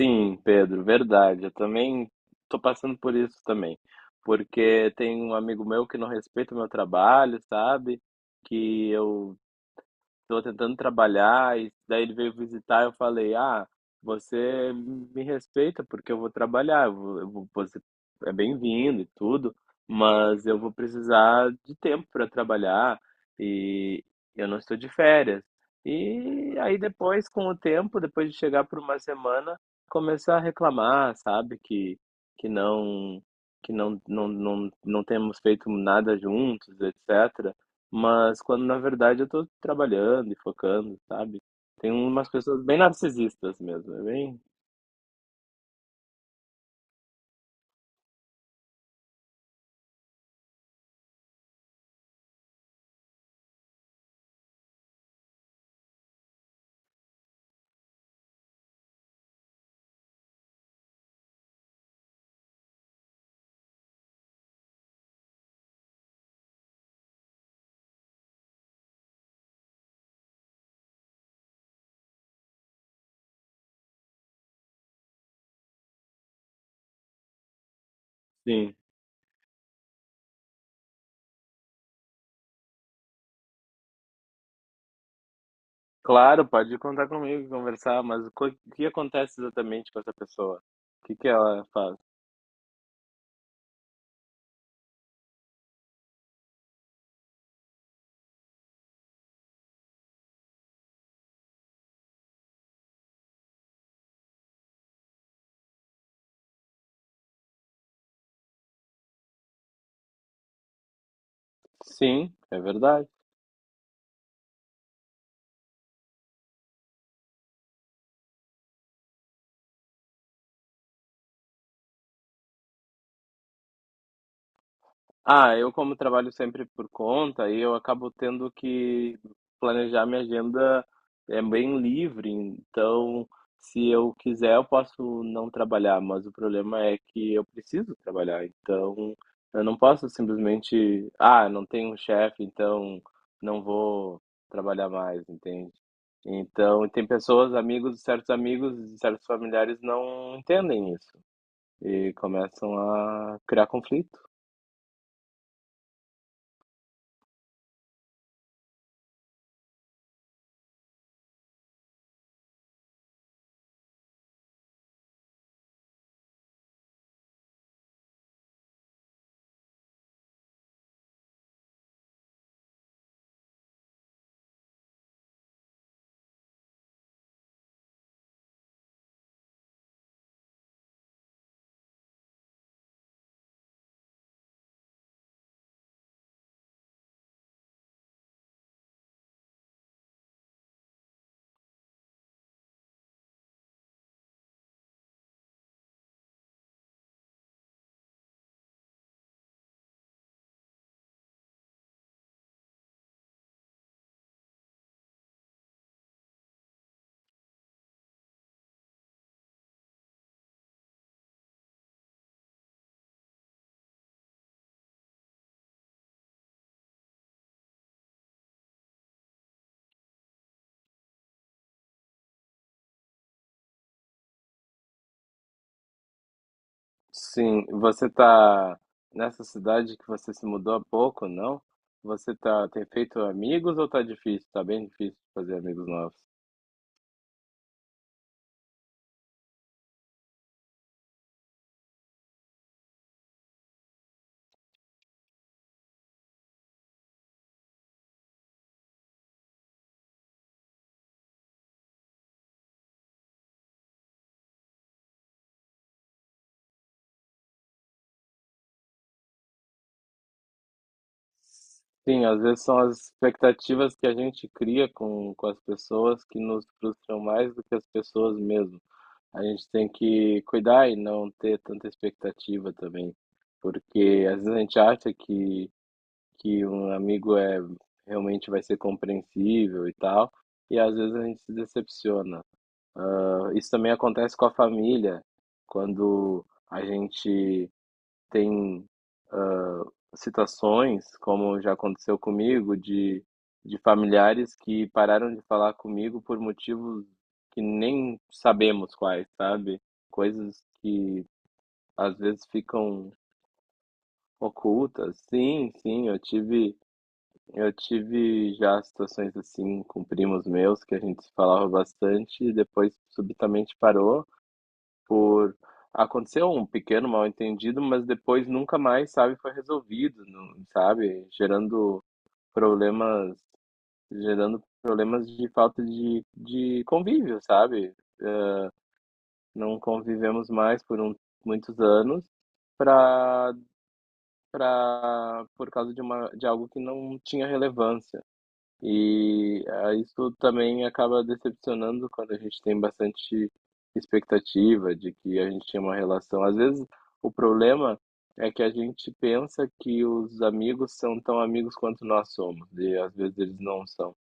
Sim, Pedro, verdade. Eu também tô passando por isso também. Porque tem um amigo meu que não respeita o meu trabalho, sabe? Que eu tô tentando trabalhar, e daí ele veio visitar, eu falei, ah, você me respeita porque eu vou trabalhar, você é bem-vindo e tudo, mas eu vou precisar de tempo para trabalhar e eu não estou de férias. E aí depois, com o tempo, depois de chegar por uma semana, começar a reclamar, sabe, que não que não, não, não, não temos feito nada juntos, etc. Mas quando na verdade eu tô trabalhando e focando, sabe? Tem umas pessoas bem narcisistas mesmo, é bem, sim. Claro, pode contar comigo, conversar, mas o que acontece exatamente com essa pessoa? O que que ela faz? Sim, é verdade. Ah, eu como trabalho sempre por conta, e eu acabo tendo que planejar minha agenda é bem livre, então se eu quiser eu posso não trabalhar, mas o problema é que eu preciso trabalhar, então eu não posso simplesmente, ah, não tenho um chefe, então não vou trabalhar mais, entende? Então tem pessoas, amigos, certos familiares não entendem isso e começam a criar conflito. Sim, você tá nessa cidade que você se mudou há pouco, não? Você tá, tem feito amigos ou tá difícil? Tá bem difícil fazer amigos novos. Sim, às vezes são as expectativas que a gente cria com as pessoas que nos frustram mais do que as pessoas mesmo. A gente tem que cuidar e não ter tanta expectativa também, porque às vezes a gente acha que um amigo é realmente vai ser compreensível e tal, e às vezes a gente se decepciona. Isso também acontece com a família, quando a gente tem situações, como já aconteceu comigo, de familiares que pararam de falar comigo por motivos que nem sabemos quais, sabe? Coisas que às vezes ficam ocultas. Sim, sim, eu tive já situações assim com primos meus que a gente se falava bastante e depois subitamente parou. Por aconteceu um pequeno mal-entendido, mas depois nunca mais, sabe, foi resolvido, não- sabe, problemas, gerando problemas de falta de convívio, sabe? Não convivemos mais por um, muitos anos para para por causa de uma de algo que não tinha relevância. E ah, isso também acaba decepcionando quando a gente tem bastante expectativa de que a gente tinha uma relação. Às vezes, o problema é que a gente pensa que os amigos são tão amigos quanto nós somos, e às vezes eles não são.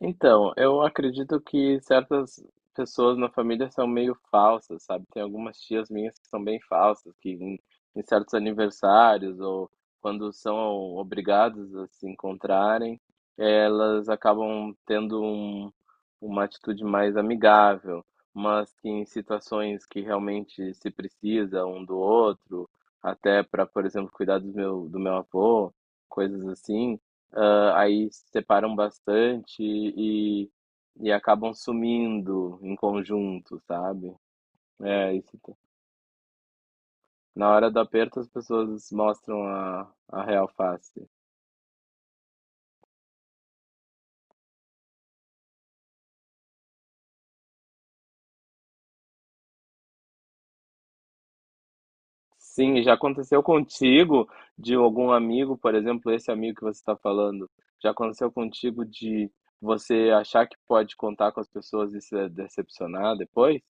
Então, eu acredito que certas pessoas na família são meio falsas, sabe? Tem algumas tias minhas que são bem falsas, que em certos aniversários ou quando são obrigadas a se encontrarem, elas acabam tendo um, uma atitude mais amigável, mas que em situações que realmente se precisa um do outro, até para, por exemplo, cuidar do meu avô, coisas assim ah, aí se separam bastante e acabam sumindo em conjunto, sabe? É isso. Na hora do aperto, as pessoas mostram a real face. Sim, já aconteceu contigo de algum amigo, por exemplo, esse amigo que você está falando, já aconteceu contigo de você achar que pode contar com as pessoas e se decepcionar depois?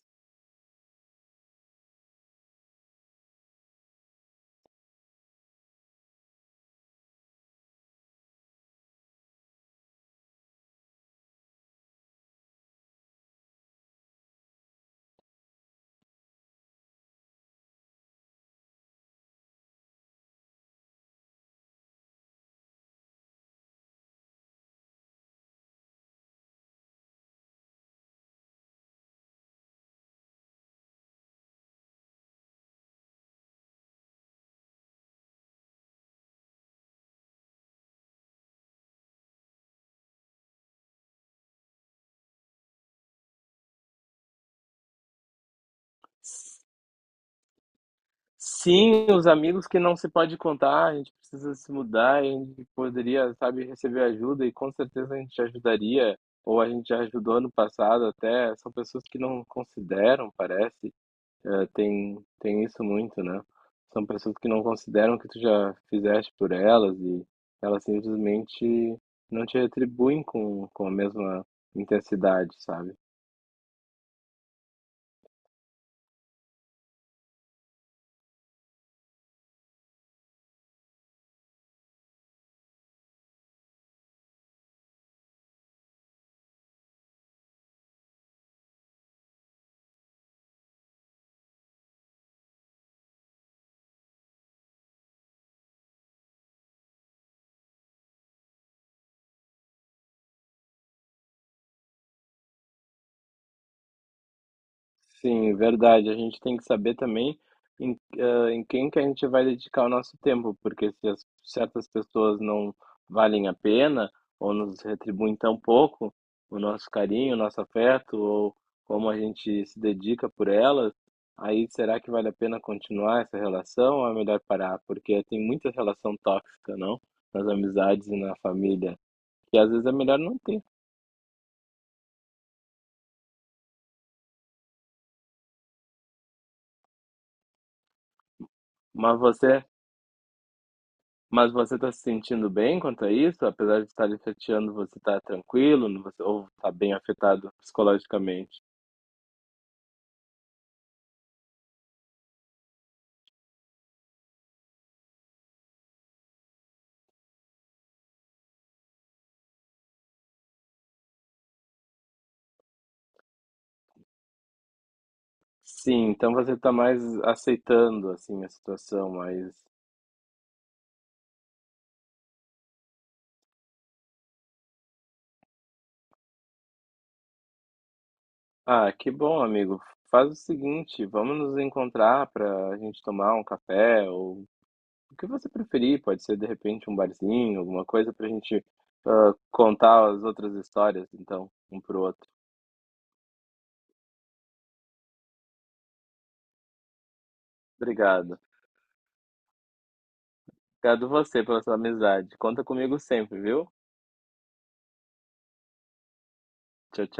Sim, os amigos que não se pode contar, a gente precisa se mudar, a gente poderia, sabe, receber ajuda e com certeza a gente ajudaria, ou a gente já ajudou no passado até, são pessoas que não consideram, parece, eh, tem, tem isso muito, né? São pessoas que não consideram o que tu já fizeste por elas e elas simplesmente não te retribuem com a mesma intensidade, sabe? Sim, é verdade. A gente tem que saber também em quem que a gente vai dedicar o nosso tempo, porque se as, certas pessoas não valem a pena ou nos retribuem tão pouco o nosso carinho, o nosso afeto ou como a gente se dedica por elas, aí será que vale a pena continuar essa relação ou é melhor parar? Porque tem muita relação tóxica, não? Nas amizades e na família, que às vezes é melhor não ter. Mas você Mas você está se sentindo bem quanto a isso? Apesar de estar lhe chateando, você está tranquilo? Você, ou está bem afetado psicologicamente? Sim, então você está mais aceitando, assim, a situação, mas... Ah, que bom, amigo. Faz o seguinte, vamos nos encontrar para a gente tomar um café, ou o que você preferir. Pode ser, de repente, um barzinho, alguma coisa para a gente contar as outras histórias, então, um pro outro. Obrigado. Obrigado você pela sua amizade. Conta comigo sempre, viu? Tchau, tchau.